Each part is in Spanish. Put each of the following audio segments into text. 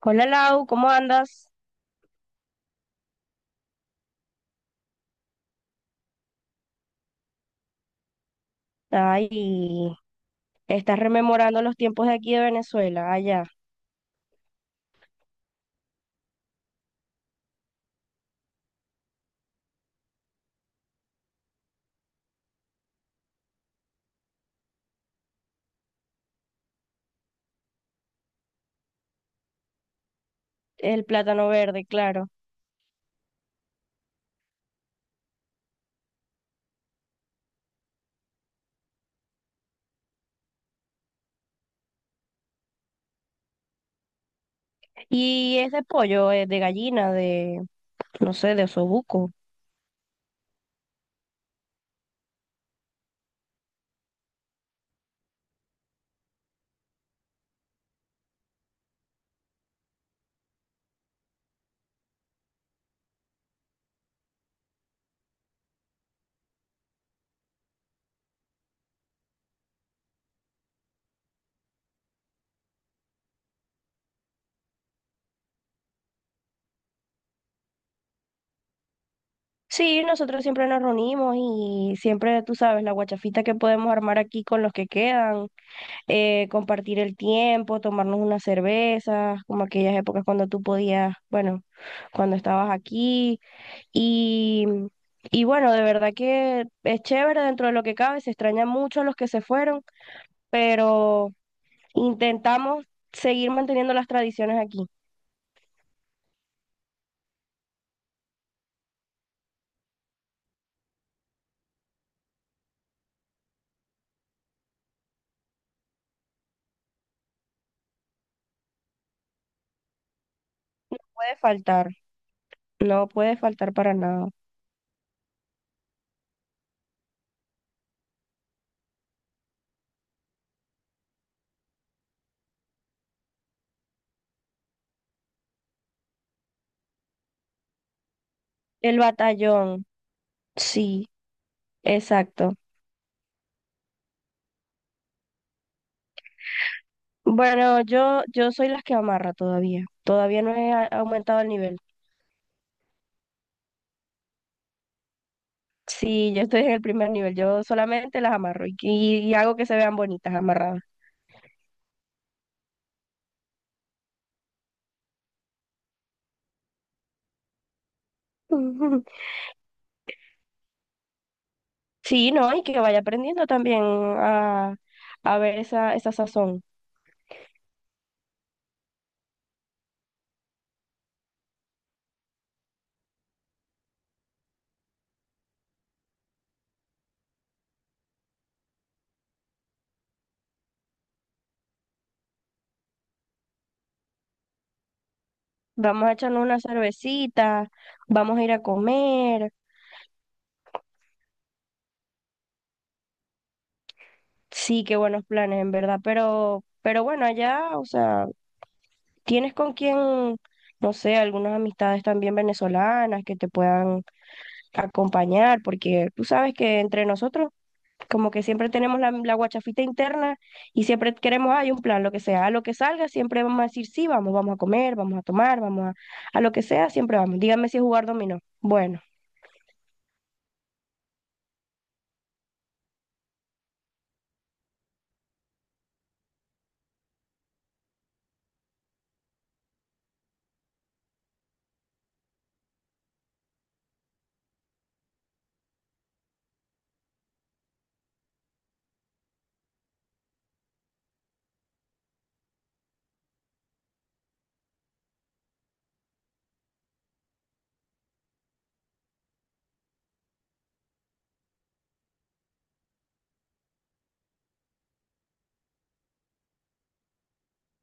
Hola Lau, ¿cómo andas? Ay, estás rememorando los tiempos de aquí de Venezuela, allá, el plátano verde, claro. Y es de pollo, es de gallina, de, no sé, de osobuco. Sí, nosotros siempre nos reunimos y siempre, tú sabes, la guachafita que podemos armar aquí con los que quedan, compartir el tiempo, tomarnos unas cervezas, como aquellas épocas cuando tú podías, bueno, cuando estabas aquí. Y, y bueno, de verdad que es chévere dentro de lo que cabe, se extraña mucho a los que se fueron, pero intentamos seguir manteniendo las tradiciones aquí. No puede faltar, no puede faltar para nada. El batallón, sí, exacto. Bueno, yo soy las que amarra todavía, todavía no he a- aumentado el nivel. Sí, yo estoy en el primer nivel, yo solamente las amarro y hago que se vean bonitas amarradas. Sí, no, y que vaya aprendiendo también a ver esa sazón. Vamos a echarnos una cervecita, vamos a ir a comer. Sí, qué buenos planes, en verdad. Pero bueno, allá, o sea, tienes con quién, no sé, algunas amistades también venezolanas que te puedan acompañar, porque tú sabes que entre nosotros como que siempre tenemos la guachafita interna y siempre queremos, hay un plan, lo que sea, a lo que salga, siempre vamos a decir sí, vamos, vamos a comer, vamos a tomar, vamos a lo que sea, siempre vamos. Dígame si es jugar dominó. Bueno,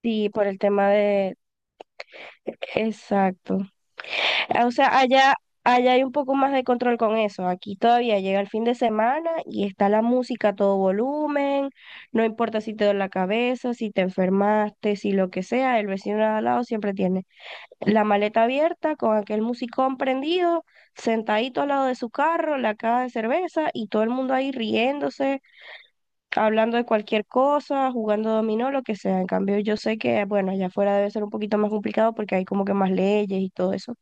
sí, por el tema de... exacto. Ah, o sea, allá, allá hay un poco más de control con eso. Aquí todavía llega el fin de semana y está la música a todo volumen, no importa si te duele la cabeza, si te enfermaste, si lo que sea, el vecino de al lado siempre tiene la maleta abierta, con aquel musicón prendido, sentadito al lado de su carro, la caja de cerveza y todo el mundo ahí riéndose, hablando de cualquier cosa, jugando dominó, lo que sea. En cambio, yo sé que, bueno, allá afuera debe ser un poquito más complicado porque hay como que más leyes y todo eso.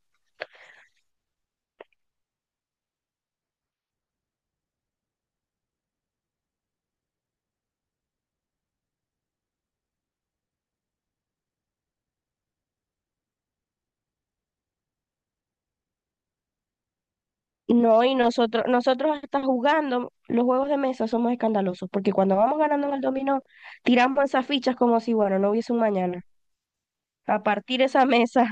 No, y nosotros hasta jugando los juegos de mesa somos escandalosos, porque cuando vamos ganando en el dominó, tiramos esas fichas como si, bueno, no hubiese un mañana. A partir esa mesa.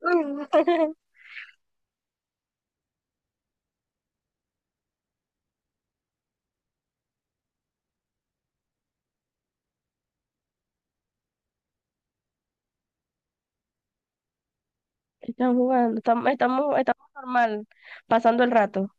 Están jugando, estamos normal, pasando el rato.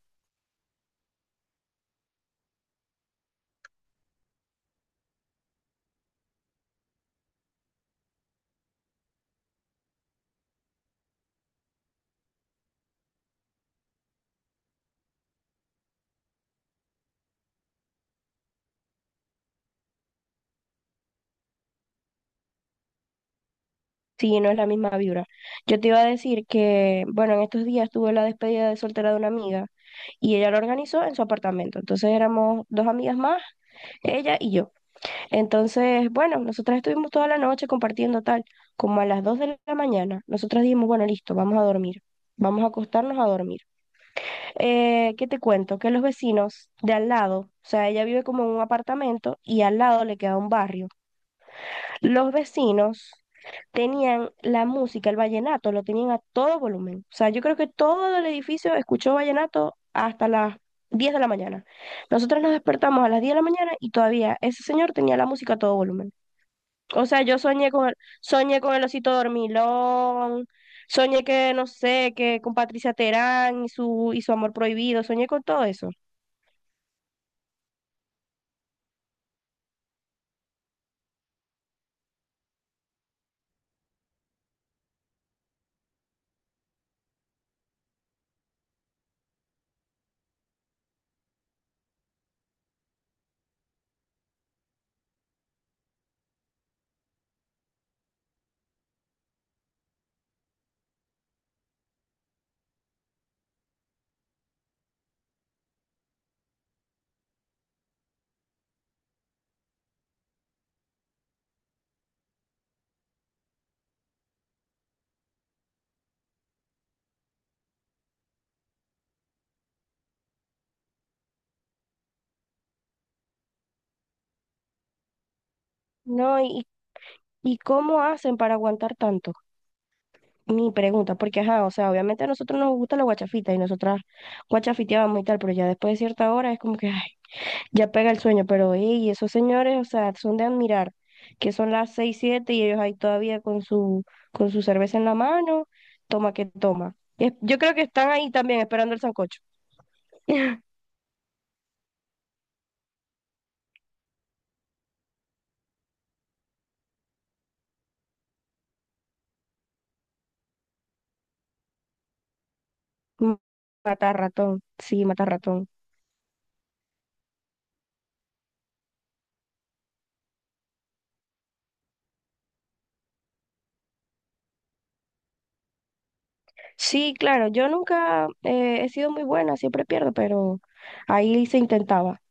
Sí, no es la misma vibra. Yo te iba a decir que, bueno, en estos días tuve la despedida de soltera de una amiga y ella lo organizó en su apartamento. Entonces éramos dos amigas más, ella y yo. Entonces, bueno, nosotras estuvimos toda la noche compartiendo tal, como a las 2 de la mañana. Nosotras dijimos, bueno, listo, vamos a dormir. Vamos a acostarnos a dormir. ¿Qué te cuento? Que los vecinos de al lado, o sea, ella vive como en un apartamento y al lado le queda un barrio. Los vecinos tenían la música, el vallenato, lo tenían a todo volumen. O sea, yo creo que todo el edificio escuchó vallenato hasta las 10 de la mañana. Nosotros nos despertamos a las 10 de la mañana y todavía ese señor tenía la música a todo volumen. O sea, yo soñé con el osito dormilón, soñé que, no sé, que con Patricia Terán y su amor prohibido, soñé con todo eso. No, y cómo hacen para aguantar tanto. Mi pregunta, porque ajá, o sea, obviamente a nosotros nos gusta la guachafita y nosotras guachafiteábamos y tal, pero ya después de cierta hora es como que, ay, ya pega el sueño, pero ey, esos señores, o sea, son de admirar, que son las 6, 7 y ellos ahí todavía con su cerveza en la mano, toma que toma. Yo creo que están ahí también esperando el sancocho. Matar ratón. Sí, claro, yo nunca he sido muy buena, siempre pierdo, pero ahí se intentaba.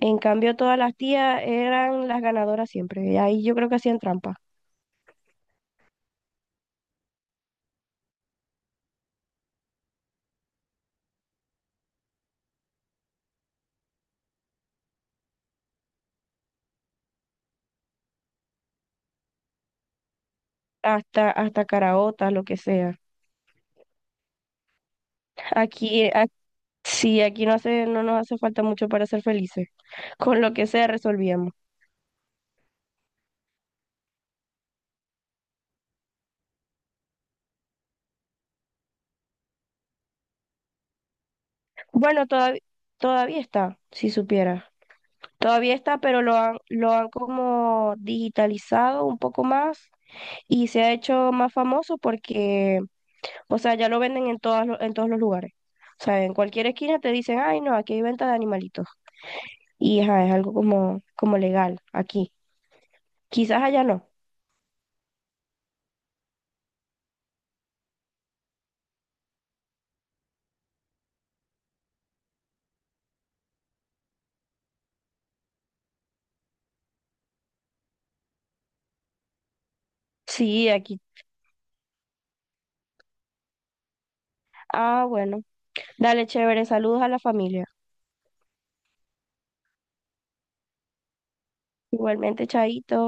En cambio, todas las tías eran las ganadoras siempre. Y ahí yo creo que hacían trampa. Hasta, hasta caraotas, lo que sea. Aquí, a- sí, aquí no hace, no nos hace falta mucho para ser felices. Con lo que sea resolvíamos. Bueno, todavía está, si supiera todavía está, pero lo han como digitalizado un poco más y se ha hecho más famoso porque, o sea, ya lo venden en en todos los lugares. O sea, en cualquier esquina te dicen, ay, no, aquí hay venta de animalitos. Y ajá, es algo como, como legal aquí. Quizás allá no. Sí, aquí. Ah, bueno. Dale, chévere. Saludos a la familia. Igualmente, Chaito.